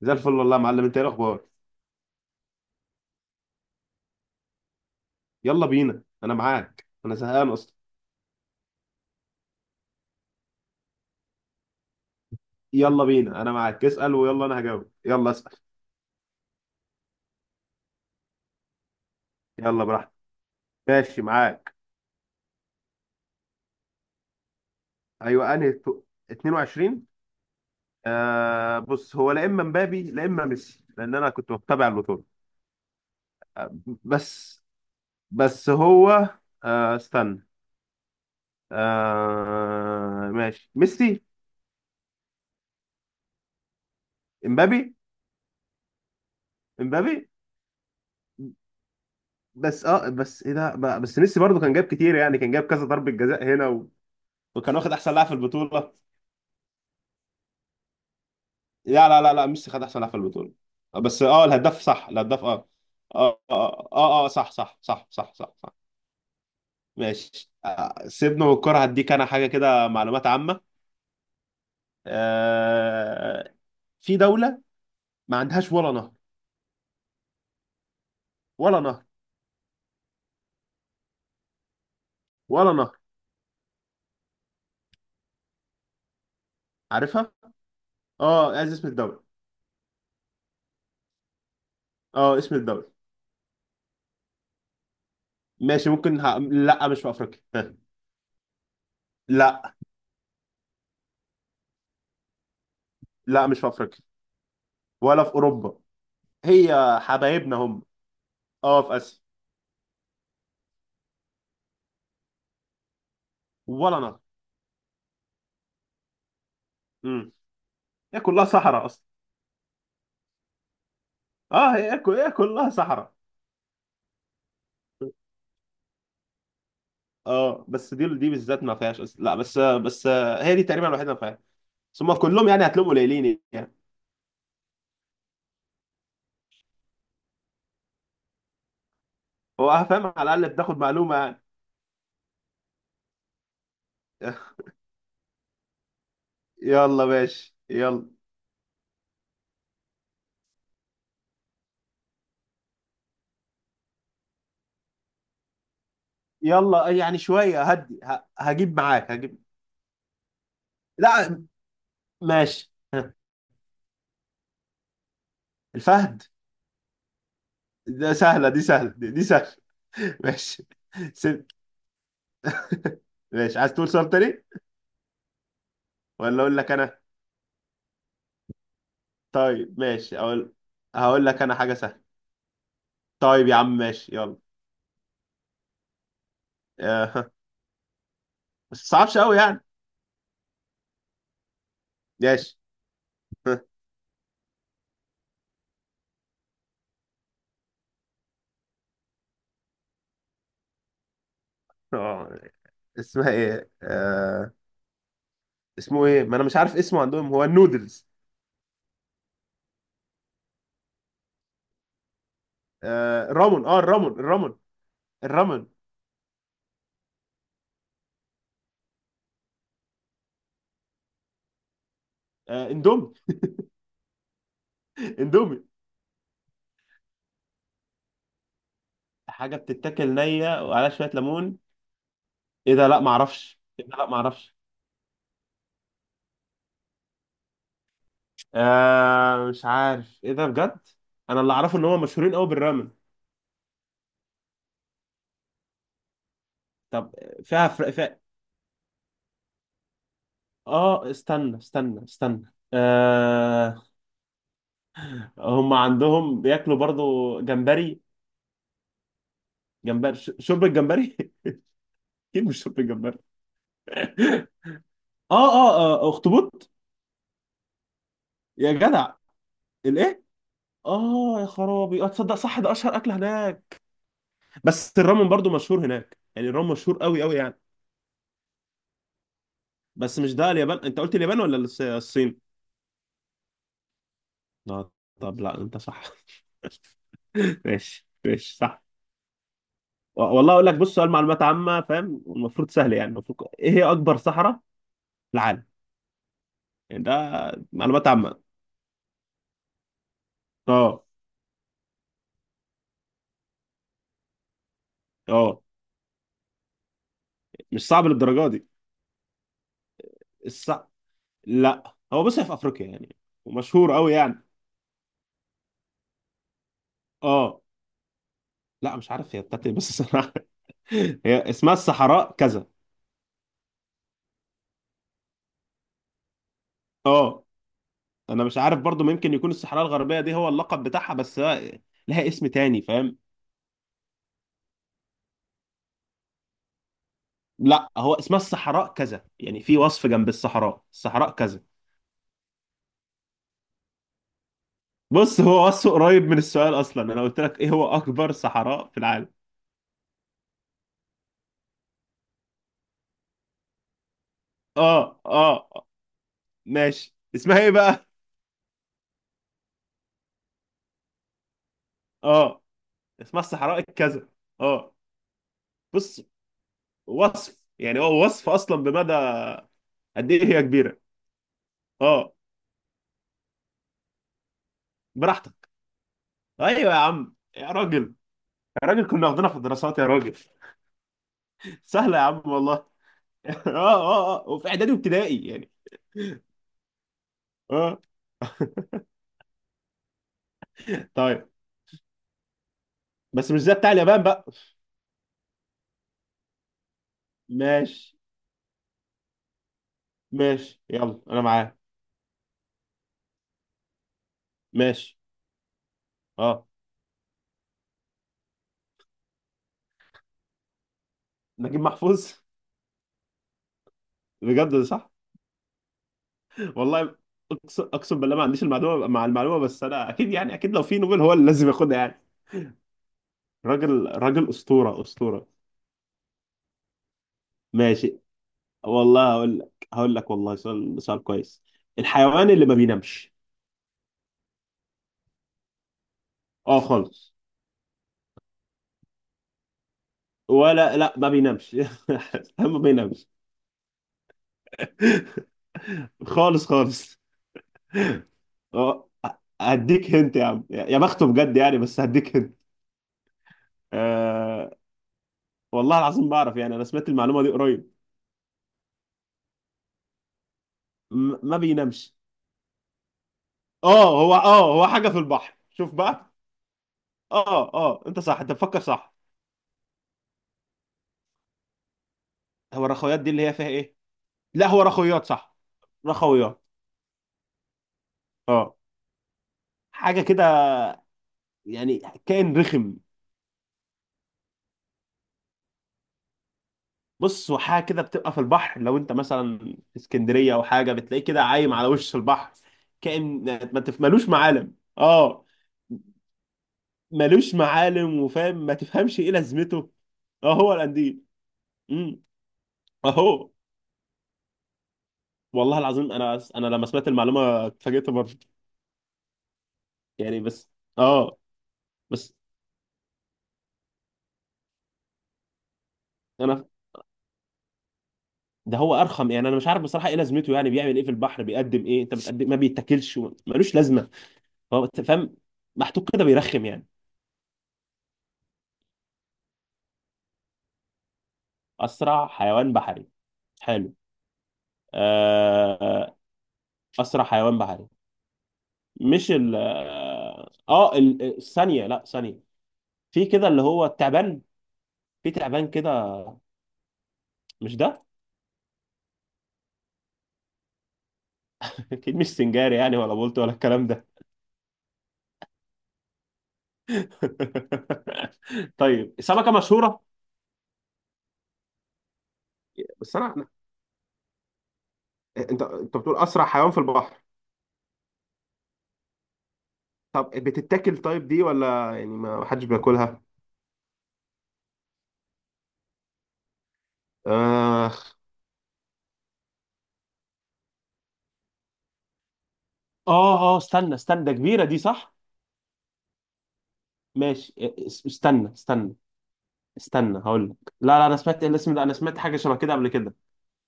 زي الفل والله يا معلم. انت ايه الاخبار؟ يلا بينا، انا معاك، انا زهقان اصلا. يلا بينا، انا معاك، اسال، ويلا انا هجاوب، يلا اسال. يلا براحتك. ماشي معاك. ايوه، انهي 22. آه، بص هو لا اما مبابي لا اما ميسي، لان انا كنت بتابع البطوله. آه. بس. بس هو. آه، استنى. آه ماشي، ميسي. امبابي. امبابي. بس بس بس ميسي برضه كان جاب كتير يعني، كان جاب كذا ضربه جزاء هنا و... وكان واخد احسن لاعب في البطوله. لا، لا، لا، لا، ميسي خد احسن لاعب في البطوله. آه، بس الهداف صح، الهداف اه اه، اه، آه، صح صح صح صح صح صح. ماشي. سيبنا من الكوره، هديك انا حاجه كده معلومات عامه. آه. في دوله ما عندهاش ولا نهر. ولا نهر. ولا نهر. عارفها. اه، عايز اسم الدوله. اه، اسم الدوله. ماشي، ممكن لا مش في افريقيا، ها. لا. لا، مش في افريقيا، ولا في اوروبا. هي حبايبنا هم. اه، في اسيا. ولا نهر. امم هي كلها صحراء اصلا. اه، هي كلها صحراء. اه، بس دي بالذات ما فيهاش لا، بس. هي دي تقريبا الوحيده اللي ما فيهاش. ثم كلهم يعني هتلاقيهم قليلين يعني. هو فاهم، على الاقل بتاخد معلومه يعني. يلا ماشي، يلا. يلا يعني شويه هدي، هجيب معاك، هجيب. لا. ماشي. ها، الفهد. ده سهله، دي سهله سهله. ماشي. ست. ماشي، عايز تقول سؤال تاني؟ ولا اقول لك انا؟ طيب ماشي، اقول. هقول لك انا حاجه سهله. طيب يا عم، ماشي يلا. بس صعبش قوي يعني. ماشي. آه، اسمها ايه. اسمه ايه؟ ما انا مش عارف اسمه عندهم، هو النودلز. آه، الرامون، اه، الرامون الرامون. الرامون. آه، اندومي. اندومي. حاجه بتتاكل نيه وعليها شويه ليمون. ايه ده؟ لا ما اعرفش، ايه ده؟ لا ما اعرفش. آه، مش عارف ايه ده بجد. انا اللي اعرفه ان هم مشهورين قوي بالرامن. طب فيها. اه، استنى استنى استنى، آه. هم عندهم بياكلوا برضو جمبري. جمبري، شوربة جمبري. اكيد مش شط الجمبري. اه، اه. آه، اخطبوط. يا جدع. الايه؟ اه يا خرابي، اه تصدق صح ده اشهر اكل هناك. بس الرامن برضو مشهور هناك يعني، الرامن مشهور قوي قوي يعني. بس مش ده اليابان؟ انت قلت اليابان ولا الصين؟ اه. طب لا، انت صح. ماشي ماشي صح. والله اقول لك، بص، سؤال معلومات عامه، فاهم؟ المفروض سهل يعني، المفروض، ايه هي اكبر صحراء في العالم؟ يعني ده معلومات عامه. اه. اه. مش صعب للدرجه دي. الص... لا، هو بص، هي في افريقيا يعني. ومشهور قوي يعني. اه. لا مش عارف هي بتاعت ايه، بس انا هي اسمها الصحراء كذا. اه، انا مش عارف برضو، ممكن يكون الصحراء الغربيه دي هو اللقب بتاعها، بس لها اسم تاني، فاهم؟ لا، هو اسمها الصحراء كذا يعني، في وصف جنب الصحراء كذا. بص، هو وصفه قريب من السؤال اصلا. انا قلت لك ايه هو اكبر صحراء في العالم؟ اه، اه. ماشي، اسمها ايه بقى؟ اه، اسمها الصحراء الكذا. اه. بص، وصف يعني، هو وصف اصلا بمدى قد ايه هي كبيره. اه. براحتك. ايوه يا عم، يا راجل. يا راجل كنا واخدينها في الدراسات يا راجل. سهله يا عم والله. اه، اه، اه، وفي اعدادي وابتدائي يعني. اه. طيب. بس مش زي بتاع اليابان بقى. ماشي ماشي، يلا انا معاه. ماشي. اه. نجيب محفوظ. بجد ده صح؟ والله اقسم، اقسم بالله ما عنديش المعلومه مع المعلومه، بس انا اكيد يعني، اكيد لو في نوبل هو اللي لازم ياخدها يعني. راجل راجل، اسطوره اسطوره. ماشي والله، هقول لك والله، سؤال كويس. الحيوان اللي ما بينامش. اه خالص. ولا لا، ما بينامش. ما بينامش خالص خالص. اه، هديك هنت يا عم يا بخته بجد يعني، بس هديك هنت. آه والله العظيم بعرف يعني، انا سمعت المعلومه دي قريب. ما بينامش. اه، هو حاجه في البحر، شوف بقى. اه، اه، انت صح، انت بتفكر صح. هو الرخويات دي اللي هي فيها ايه؟ لا، هو رخويات صح. رخويات. اه. حاجه كده يعني. كائن رخم. بص، هو حاجه كده بتبقى في البحر، لو انت مثلا في اسكندريه او حاجه بتلاقيه كده عايم على وش البحر. كائن ما تف- ملوش معالم اه ملوش معالم، وفاهم، ما تفهمش ايه لازمته. اه، هو القنديل. امم. اهو. والله العظيم، انا لما سمعت المعلومه اتفاجئت برضه. يعني بس. اه. بس انا ده هو ارخم يعني، انا مش عارف بصراحه ايه لازمته، يعني بيعمل ايه في البحر، بيقدم ايه، انت بتقدم إيه؟ ما بيتاكلش، ملوش لازمه. هو أنت فاهم، محطوط كده بيرخم يعني. أسرع حيوان بحري. حلو. آه، أسرع حيوان بحري. مش ال آه آه، ال- الثانية، لا ثانية في كده اللي هو التعبان. في تعبان كده. مش ده. أكيد مش سنجاري يعني، ولا بولت ولا الكلام ده. طيب، سمكة مشهورة. بس انت بتقول اسرع حيوان في البحر. طب بتتاكل طيب دي ولا يعني ما حدش بياكلها؟ آه، آه، آه، استنى استنى، ده كبيرة دي صح؟ ماشي إيه، استنى استنى. استنى هقول لك، لا لا، انا سمعت، إيه الاسم ده؟ انا سمعت حاجه شبه كده قبل كده.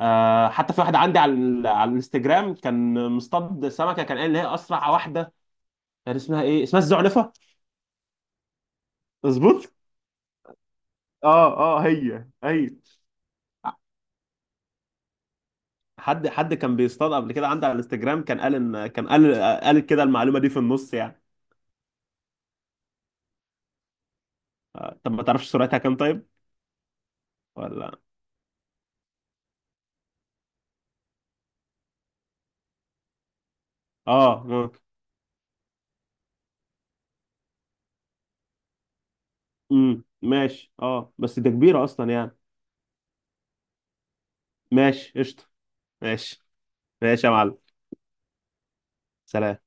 آه حتى في واحده عندي على على الانستجرام كان مصطاد سمكه كان قال ان هي اسرع واحده. كان اسمها ايه، اسمها الزعنفه. مظبوط. اه، اه، هي هي. حد كان بيصطاد قبل كده عندي على الانستجرام، كان قال ان كان قال. قال كده المعلومه دي في النص يعني. آه، طب ما تعرفش سرعتها كام طيب؟ ولا. اه، ممكن. ماشي، اه بس ده كبيره اصلا يعني. ماشي قشطه. ماشي. ماشي يا معلم. سلام.